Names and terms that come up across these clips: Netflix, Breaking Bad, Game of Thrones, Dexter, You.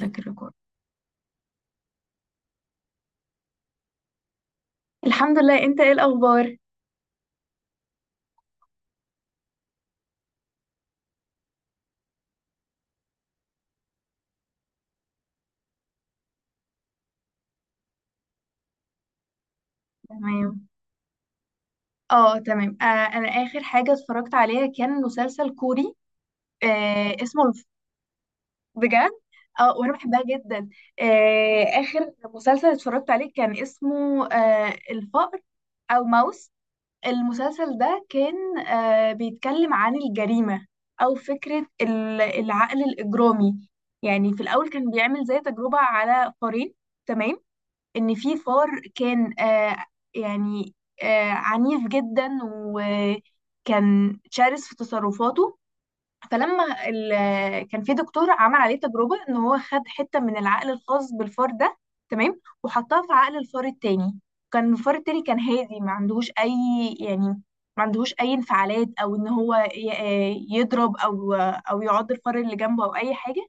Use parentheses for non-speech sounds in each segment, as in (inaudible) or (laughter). ذاك الريكورد. الحمد لله، انت ايه الاخبار؟ تمام. اه تمام. انا اخر حاجه اتفرجت عليها كان مسلسل كوري. اسمه بجد. اه، وانا بحبها جدا. اخر مسلسل اتفرجت عليه كان اسمه الفأر، او ماوس. المسلسل ده كان بيتكلم عن الجريمه، او فكره العقل الاجرامي. يعني في الاول كان بيعمل زي تجربه على فارين. تمام. ان في فار كان، يعني، عنيف جدا وكان شرس في تصرفاته. فلما كان في دكتور عمل عليه تجربة ان هو خد حتة من العقل الخاص بالفار ده، تمام، وحطها في عقل الفار التاني. كان الفار التاني كان هادي، ما عندهوش اي، يعني، ما عندهوش اي انفعالات، او ان هو يضرب، او يعض الفار اللي جنبه او اي حاجة.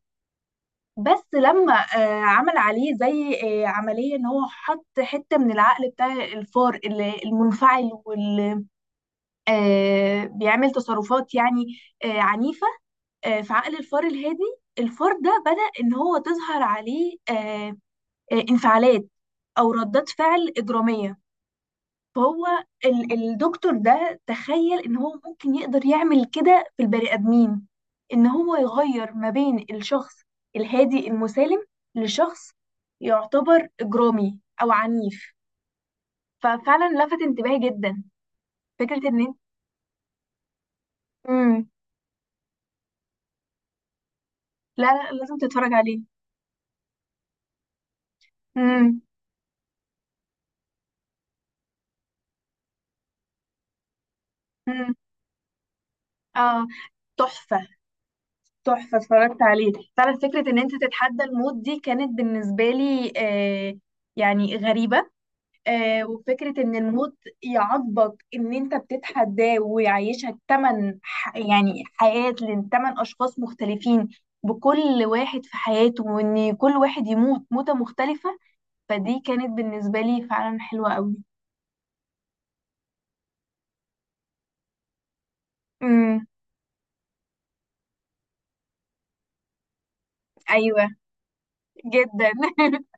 بس لما، عمل عليه زي، عملية ان هو حط حتة من العقل بتاع الفار المنفعل، واللي بيعمل تصرفات، يعني، عنيفة، في عقل الفار الهادي. الفار ده بدأ ان هو تظهر عليه، انفعالات، او ردات فعل إجرامية. فهو الدكتور ده تخيل ان هو ممكن يقدر يعمل كده في البني ادمين، ان هو يغير ما بين الشخص الهادي المسالم، لشخص يعتبر اجرامي او عنيف. ففعلا لفت انتباهي جدا فكرة ان انت. مم. لا لا، لازم تتفرج عليه. مم. مم. اه. تحفة. تحفة، اتفرجت عليه فعلا. فكرة ان انت تتحدى الموت دي كانت بالنسبة لي، يعني، غريبة. وفكرة إن الموت يعاقبك إن أنت بتتحداه، ويعيشك تمن يعني حياة لتمن أشخاص مختلفين، بكل واحد في حياته، وإن كل واحد يموت موتة مختلفة. فدي كانت بالنسبة لي فعلا حلوة أوي. امم. أيوة. جدا. (laughs)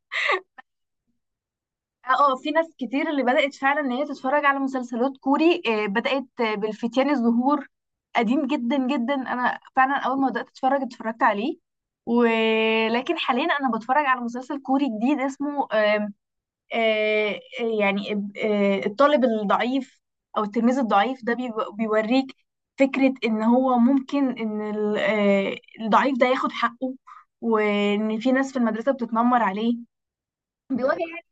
اه، في ناس كتير اللي بدأت فعلا ان هي تتفرج على مسلسلات كوري، بدأت بالفتيان الزهور. قديم جدا جدا. انا فعلا اول ما بدأت اتفرجت عليه. ولكن حاليا انا بتفرج على مسلسل كوري جديد اسمه آم، آه، آه، يعني، الطالب الضعيف، او التلميذ الضعيف ده بيوريك فكرة ان هو ممكن ان الضعيف ده ياخد حقه، وان في ناس في المدرسة بتتنمر عليه، بيواجه يعني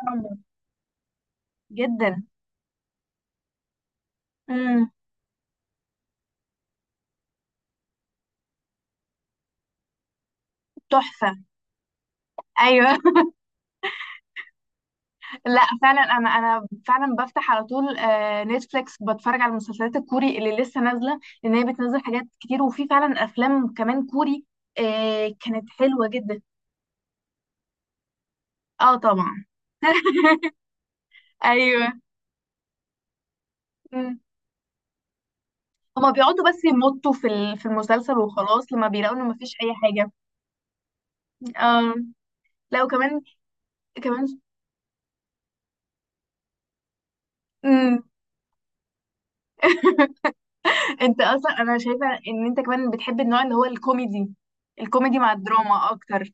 تنمر جدا. امم. تحفة. ايوه. (laughs) لا، فعلا انا فعلا بفتح على طول نتفليكس بتفرج على المسلسلات الكوري اللي لسه نازلة، لان هي بتنزل حاجات كتير، وفي فعلا افلام كمان كوري كانت حلوة جدا. اه، طبعا. (laughs) ايوه. مم. هما بيقعدوا بس يمطوا في المسلسل، وخلاص لما بيلاقوا انه مفيش اي حاجه. اه. لا، وكمان، كمان. مم. انت اصلا انا شايفه ان انت كمان بتحب النوع اللي هو الكوميدي، الكوميدي مع الدراما اكتر.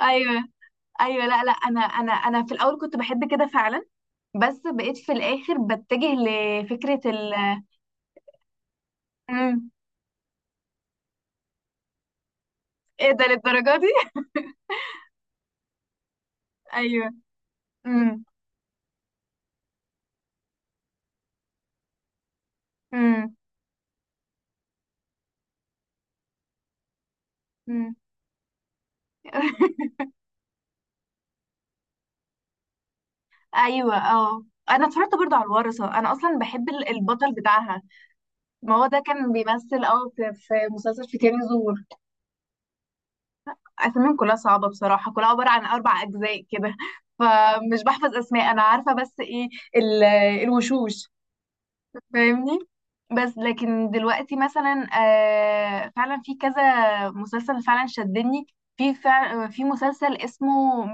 ايوه. ايوه، لا لا، انا في الاول كنت بحب كده فعلا، بس بقيت في الاخر بتجه لفكره مم. ايه ده، للدرجه دي؟ (laughs) ايوه. امم. امم. امم. (laughs) ايوه. اه، انا اتفرجت برضو على الورثه، انا اصلا بحب البطل بتاعها. ما هو ده كان بيمثل، اه، في مسلسل في كان زور. اساميهم كلها صعبه بصراحه، كلها عباره عن 4 اجزاء كده، فمش بحفظ اسماء، انا عارفه بس ايه، ال- الوشوش، فاهمني. بس لكن دلوقتي مثلا، فعلا في كذا مسلسل فعلا شدني. في مسلسل اسمه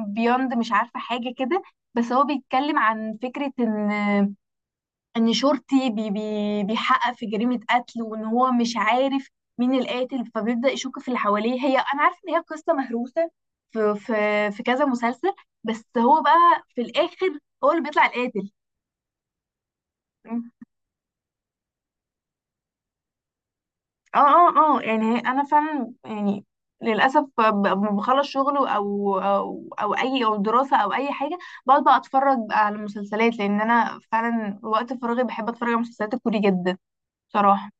بيوند، مش عارفة حاجة كده. بس هو بيتكلم عن فكرة ان ان شرطي، بي بي بيحقق في جريمة قتل، وان هو مش عارف مين القاتل، فبيبدأ يشك في اللي حواليه. هي انا عارفة ان هي قصة مهروسة في في في كذا مسلسل، بس هو بقى في الاخر هو اللي بيطلع القاتل. اه، اه، اه، يعني انا فعلا، يعني، للاسف لما بخلص شغل او اي، او دراسه، او اي حاجه، بقعد بقى اتفرج بقى على مسلسلات، لان انا فعلا وقت فراغي بحب اتفرج على مسلسلات الكوري جدا بصراحه.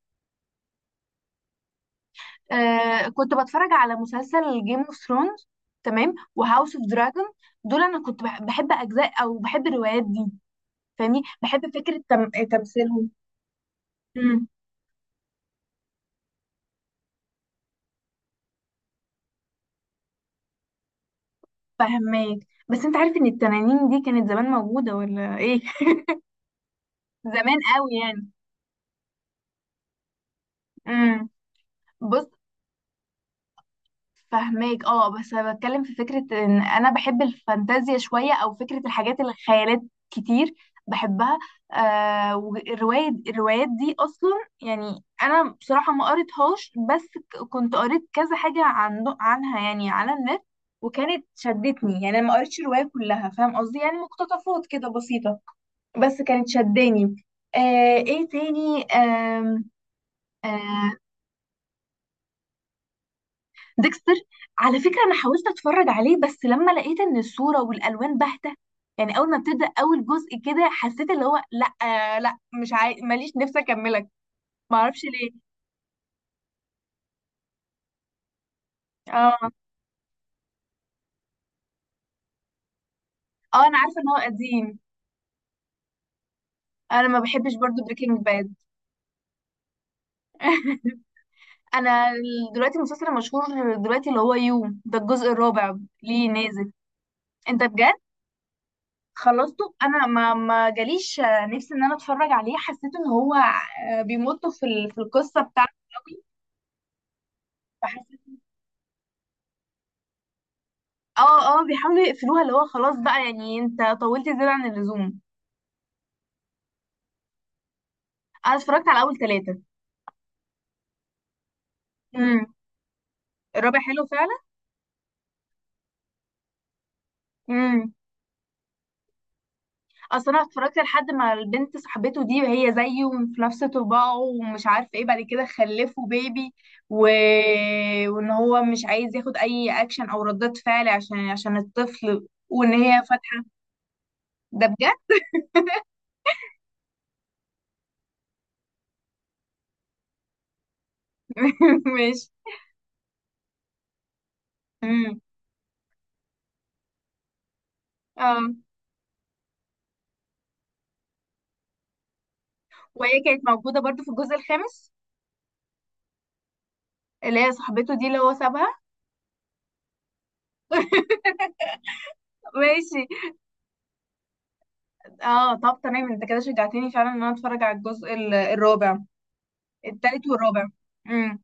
كنت بتفرج على مسلسل جيم اوف ثرونز، تمام، وهاوس اوف دراجون. دول انا كنت بحب اجزاء او بحب الروايات دي، فاهمني، بحب فكره تمثيلهم. امم. فهماك. بس انت عارف ان التنانين دي كانت زمان موجوده ولا ايه؟ (laughs) زمان قوي يعني. امم. بص. فهماك، اه، بس انا بتكلم في فكره ان انا بحب الفانتازيا شويه، او فكره الحاجات اللي خيالات كتير بحبها. الروايات دي اصلا، يعني انا بصراحه ما قريتهاش، بس كنت قريت كذا حاجه عنها يعني على النت، وكانت شدتني، يعني انا ما قريتش الروايه كلها، فاهم قصدي، يعني مقتطفات كده بسيطه، بس كانت شداني. ايه تاني؟ آم، آه، ديكستر، على فكرة أنا حاولت أتفرج عليه، بس لما لقيت إن الصورة والألوان باهتة، يعني أول ما ابتدى أول جزء كده، حسيت اللي هو لأ، لأ، مش عاي... ماليش نفسي أكملك. معرفش ليه. اه. اه، أنا عارفة إن هو قديم. أنا ما بحبش برضو بريكنج باد. (laughs) أنا دلوقتي المسلسل المشهور دلوقتي اللي هو يو، ده الجزء الرابع. ليه نازل. أنت بجد؟ خلصته. انا ما جاليش نفسي ان انا اتفرج عليه، حسيت ان هو بيمط في القصه بتاعته قوي. اه، اه، بيحاولوا يقفلوها، اللي هو خلاص بقى، يعني انت طولت زيادة عن اللزوم. انا اتفرجت على اول ثلاثة. امم. الرابع حلو فعلا. امم. اصل انا اتفرجت لحد ما البنت صاحبته دي هي زيه وفي نفس طباعه، ومش عارف ايه، بعد كده خلفوا بيبي، و... وان هو مش عايز ياخد اي اكشن او ردات فعل عشان الطفل، وان هي فاتحة. ده بجد. (laughs) ماشي. امم. اه. وهي كانت موجودة برضو في الجزء الخامس، اللي هي صاحبته دي اللي هو سابها. (laughs) ماشي. اه، طب تمام، انت كده شجعتني فعلا ان انا اتفرج على الجزء الرابع. التالت والرابع. امم.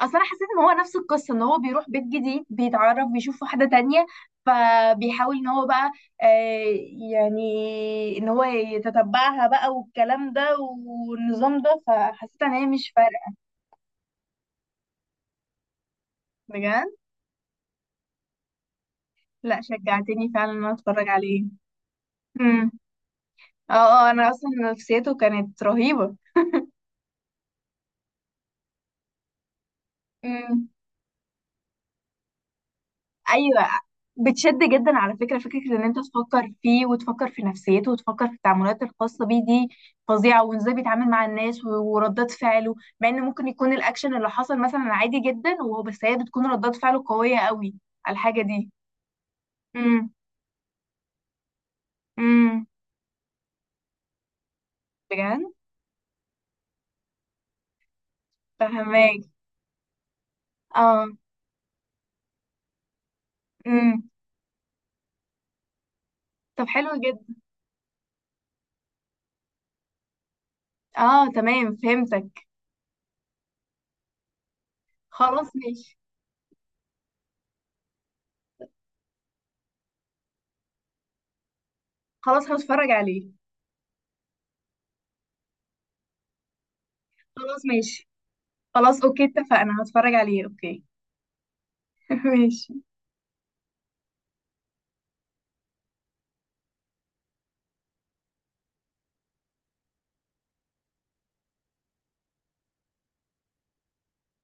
اصل انا حسيت ان هو نفس القصه، ان هو بيروح بيت جديد، بيتعرف، بيشوف واحده تانية، فبيحاول ان هو بقى آه يعني ان هو يتتبعها بقى والكلام ده والنظام ده، فحسيت ان هي مش فارقه. بجد. لا، شجعتني فعلا ان انا اتفرج عليه. امم. اه، اه، انا اصلا نفسيته كانت رهيبه. مم. ايوه. بتشد جدا على فكره، فكره ان انت تفكر فيه وتفكر في نفسيته وتفكر في التعاملات الخاصه بيه دي فظيعه، وازاي بيتعامل مع الناس وردات فعله، مع ان ممكن يكون الاكشن اللي حصل مثلا عادي جدا، وهو بس هي بتكون ردات فعله قويه قوي على الحاجه دي. امم. امم. بجد. فهماك. اه. امم. طب حلو جدا. اه، تمام، فهمتك. خلاص، ماشي. خلاص، هتفرج عليه. خلاص، ماشي. خلاص، اوكي، اتفقنا، هتفرج عليه، اوكي. (laughs) ماشي.